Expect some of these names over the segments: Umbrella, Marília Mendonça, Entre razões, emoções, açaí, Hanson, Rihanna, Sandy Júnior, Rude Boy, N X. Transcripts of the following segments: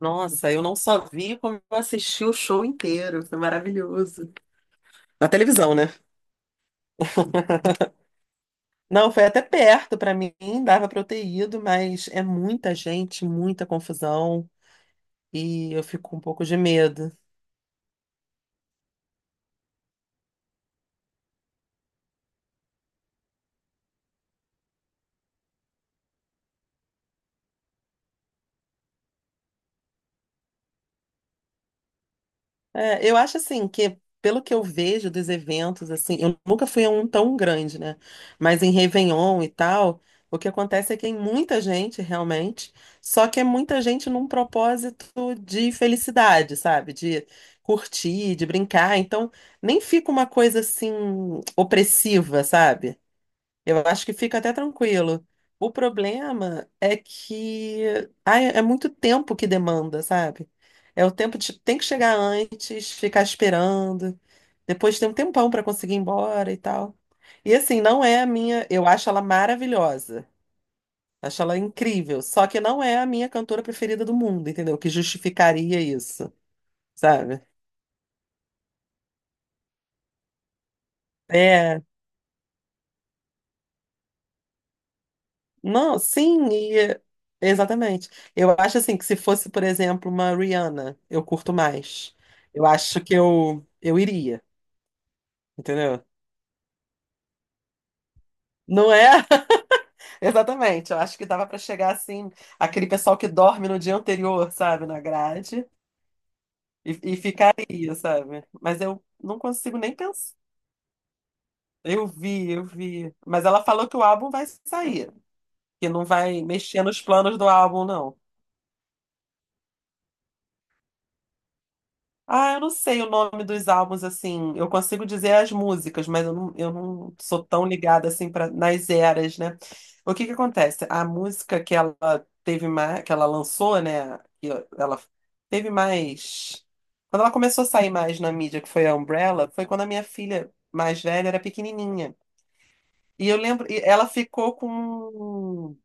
Nossa, eu não só vi como eu assisti o show inteiro. Foi maravilhoso. Na televisão, né? Não, foi até perto pra mim, dava pra eu ter ido, mas é muita gente, muita confusão e eu fico com um pouco de medo. É, eu acho assim que, pelo que eu vejo dos eventos, assim, eu nunca fui a um tão grande, né? Mas em Réveillon e tal, o que acontece é que tem muita gente realmente, só que é muita gente num propósito de felicidade, sabe? De curtir, de brincar. Então, nem fica uma coisa assim opressiva, sabe? Eu acho que fica até tranquilo. O problema é que ai, é muito tempo que demanda, sabe? É o tempo de tem que chegar antes, ficar esperando, depois tem um tempão para conseguir ir embora e tal. E assim, não é a minha, eu acho ela maravilhosa, acho ela incrível, só que não é a minha cantora preferida do mundo, entendeu? Que justificaria isso, sabe? É. Não, sim, é, exatamente. Eu acho assim que se fosse, por exemplo, uma Rihanna, eu curto mais. Eu acho que eu iria, entendeu? Não é? Exatamente. Eu acho que dava pra chegar assim, aquele pessoal que dorme no dia anterior, sabe, na grade, e ficaria, sabe? Mas eu não consigo nem pensar. Eu vi, eu vi. Mas ela falou que o álbum vai sair, que não vai mexer nos planos do álbum, não. Ah, eu não sei o nome dos álbuns, assim. Eu consigo dizer as músicas, mas eu não sou tão ligada, assim, pra, nas eras, né? O que que acontece? A música que ela teve mais, que ela lançou, né? Que ela teve mais. Quando ela começou a sair mais na mídia, que foi a Umbrella, foi quando a minha filha mais velha era pequenininha. E eu lembro, e ela ficou com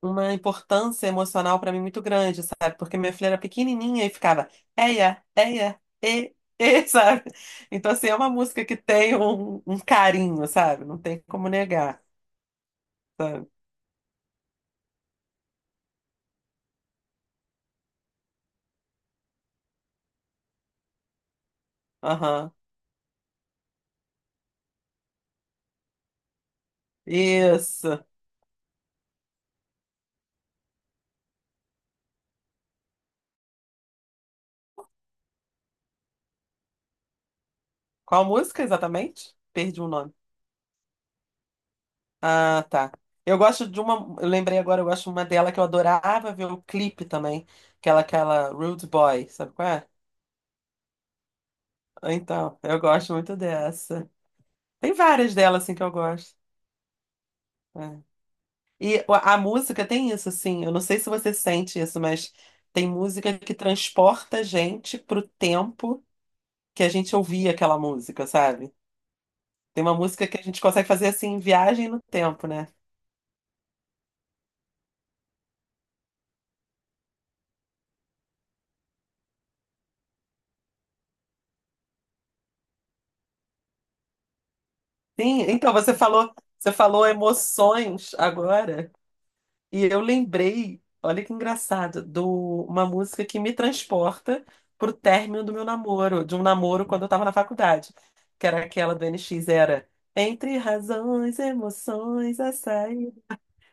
uma importância emocional pra mim muito grande, sabe? Porque minha filha era pequenininha e ficava eia, eia, sabe? Então, assim, é uma música que tem um carinho, sabe? Não tem como negar, sabe? Aham. Isso. Qual música exatamente? Perdi o nome. Ah, tá. Eu gosto de uma, eu lembrei agora, eu gosto de uma dela que eu adorava ver o clipe também, que era aquela Rude Boy, sabe qual é? Então, eu gosto muito dessa. Tem várias delas, assim, que eu gosto. É. E a música tem isso, assim. Eu não sei se você sente isso, mas tem música que transporta a gente pro tempo que a gente ouvia aquela música, sabe? Tem uma música que a gente consegue fazer assim, viagem no tempo, né? Sim, então você falou emoções agora. E eu lembrei, olha que engraçado, de uma música que me transporta pro término do meu namoro, de um namoro quando eu tava na faculdade, que era aquela do N X era Entre razões, emoções, açaí,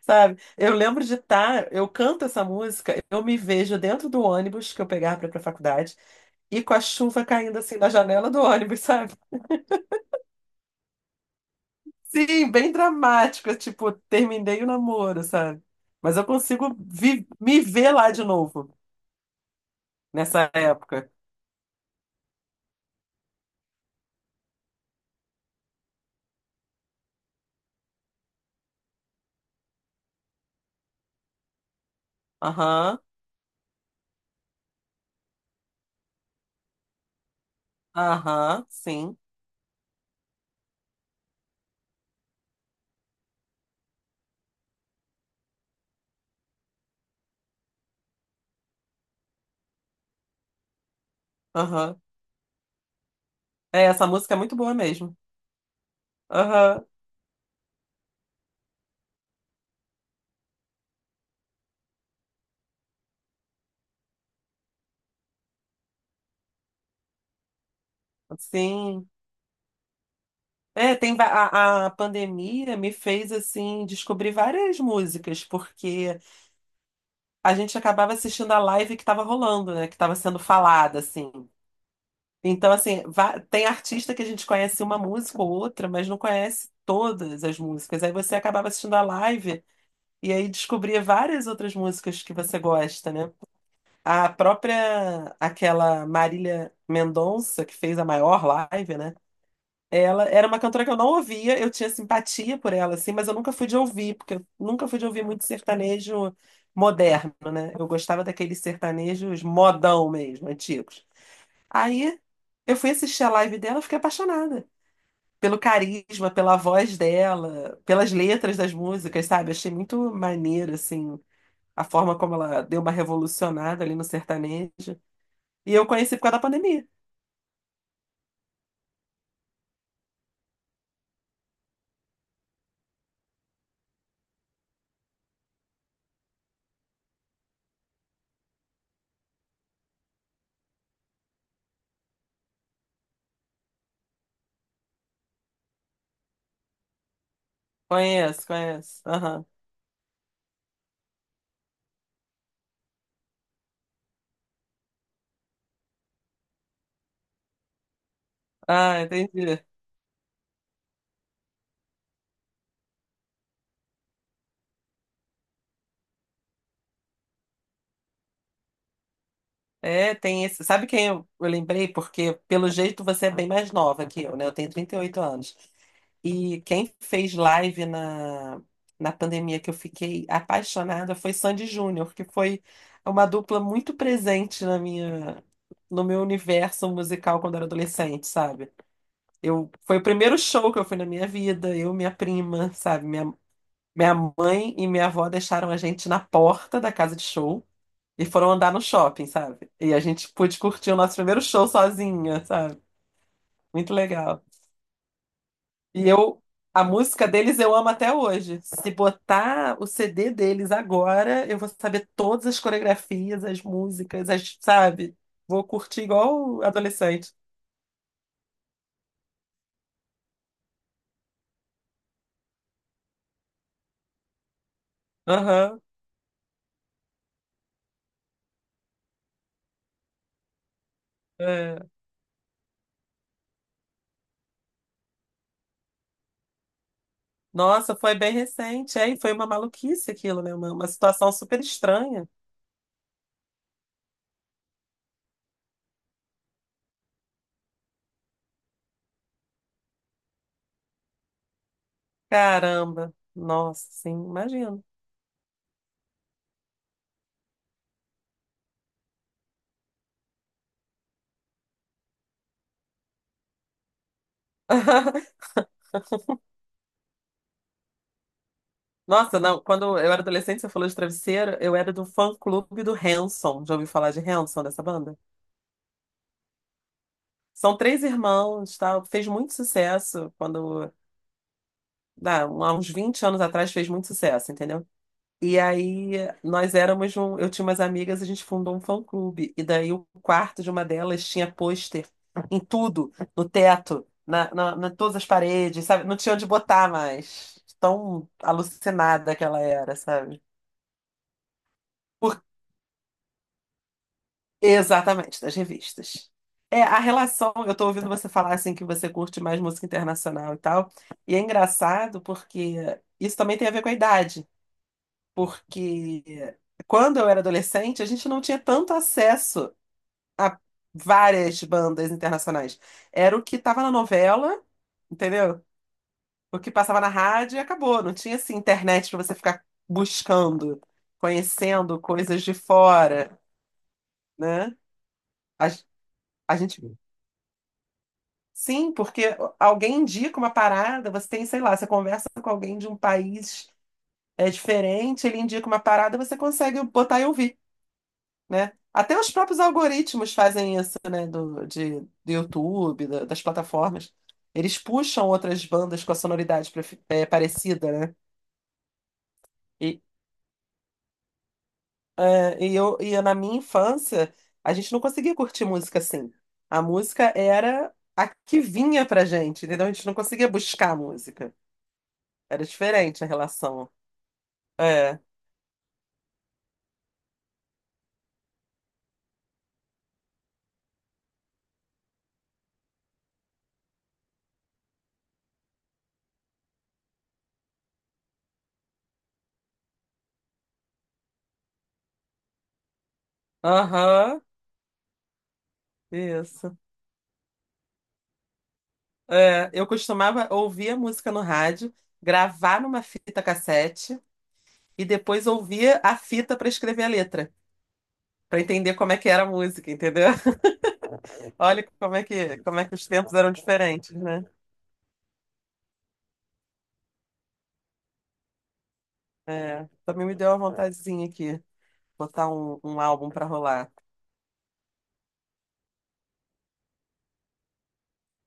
sabe? Eu lembro de estar, eu canto essa música, eu me vejo dentro do ônibus que eu pegava pra ir pra faculdade e com a chuva caindo assim na janela do ônibus, sabe? Sim, bem dramática, tipo, terminei o namoro, sabe? Mas eu consigo me ver lá de novo nessa época. Aham, aham, sim. Aham. É, essa música é muito boa mesmo. Aham, sim. É, tem a pandemia me fez assim descobrir várias músicas, porque a gente acabava assistindo a live que estava rolando, né? Que estava sendo falada, assim. Então, assim, tem artista que a gente conhece uma música ou outra, mas não conhece todas as músicas. Aí você acabava assistindo a live e aí descobria várias outras músicas que você gosta, né? A própria, aquela Marília Mendonça, que fez a maior live, né? Ela era uma cantora que eu não ouvia, eu tinha simpatia por ela, assim, mas eu nunca fui de ouvir, porque eu nunca fui de ouvir muito sertanejo moderno, né? Eu gostava daqueles sertanejos modão mesmo, antigos. Aí eu fui assistir a live dela, eu fiquei apaixonada pelo carisma, pela voz dela, pelas letras das músicas, sabe? Achei muito maneiro, assim, a forma como ela deu uma revolucionada ali no sertanejo. E eu conheci por causa da pandemia. Conheço, conheço. Aham. Ah, entendi. É, tem esse. Sabe quem eu lembrei? Porque, pelo jeito, você é bem mais nova que eu, né? Eu tenho 38 anos. E quem fez live na pandemia que eu fiquei apaixonada foi Sandy Júnior, que foi uma dupla muito presente na minha, no meu universo musical quando eu era adolescente, sabe? Eu, foi o primeiro show que eu fui na minha vida, eu, minha prima, sabe? Minha mãe e minha avó deixaram a gente na porta da casa de show. E foram andar no shopping, sabe? E a gente pôde curtir o nosso primeiro show sozinha, sabe? Muito legal. E eu, a música deles eu amo até hoje. Se botar o CD deles agora, eu vou saber todas as coreografias, as músicas, as, sabe? Vou curtir igual adolescente. Aham. É. Nossa, foi bem recente, é, e foi uma maluquice aquilo, né? Uma situação super estranha. Caramba, nossa, sim, imagino. Nossa, não, quando eu era adolescente, você falou de travesseiro, eu era do fã-clube do Hanson. Já ouviu falar de Hanson, dessa banda? São três irmãos, tal, fez muito sucesso quando, dá, há uns 20 anos atrás fez muito sucesso, entendeu? E aí nós éramos um, eu tinha umas amigas, a gente fundou um fã-clube e daí o quarto de uma delas tinha pôster em tudo, no teto, na todas as paredes, sabe? Não tinha onde botar mais. Tão alucinada que ela era, sabe? Exatamente, das revistas. É, a relação, eu tô ouvindo você falar assim que você curte mais música internacional e tal, e é engraçado porque isso também tem a ver com a idade, porque quando eu era adolescente, a gente não tinha tanto acesso a várias bandas internacionais. Era o que tava na novela, entendeu? O que passava na rádio e acabou. Não tinha assim internet para você ficar buscando, conhecendo coisas de fora, né? A, a gente. Sim, porque alguém indica uma parada, você tem, sei lá, você conversa com alguém de um país diferente, ele indica uma parada, você consegue botar e ouvir, né? Até os próprios algoritmos fazem isso, né? Do YouTube, das plataformas. Eles puxam outras bandas com a sonoridade parecida, né? E, e eu, na minha infância, a gente não conseguia curtir música assim. A música era a que vinha pra gente, entendeu? A gente não conseguia buscar música. Era diferente a relação. É. Aham. Isso. É. Eu costumava ouvir a música no rádio, gravar numa fita cassete e depois ouvir a fita para escrever a letra, para entender como é que era a música, entendeu? Olha como é que os tempos eram diferentes, né? É. Também me deu uma vontadezinha aqui, botar um álbum para rolar.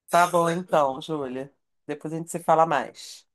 Tá bom então, Júlia. Depois a gente se fala mais.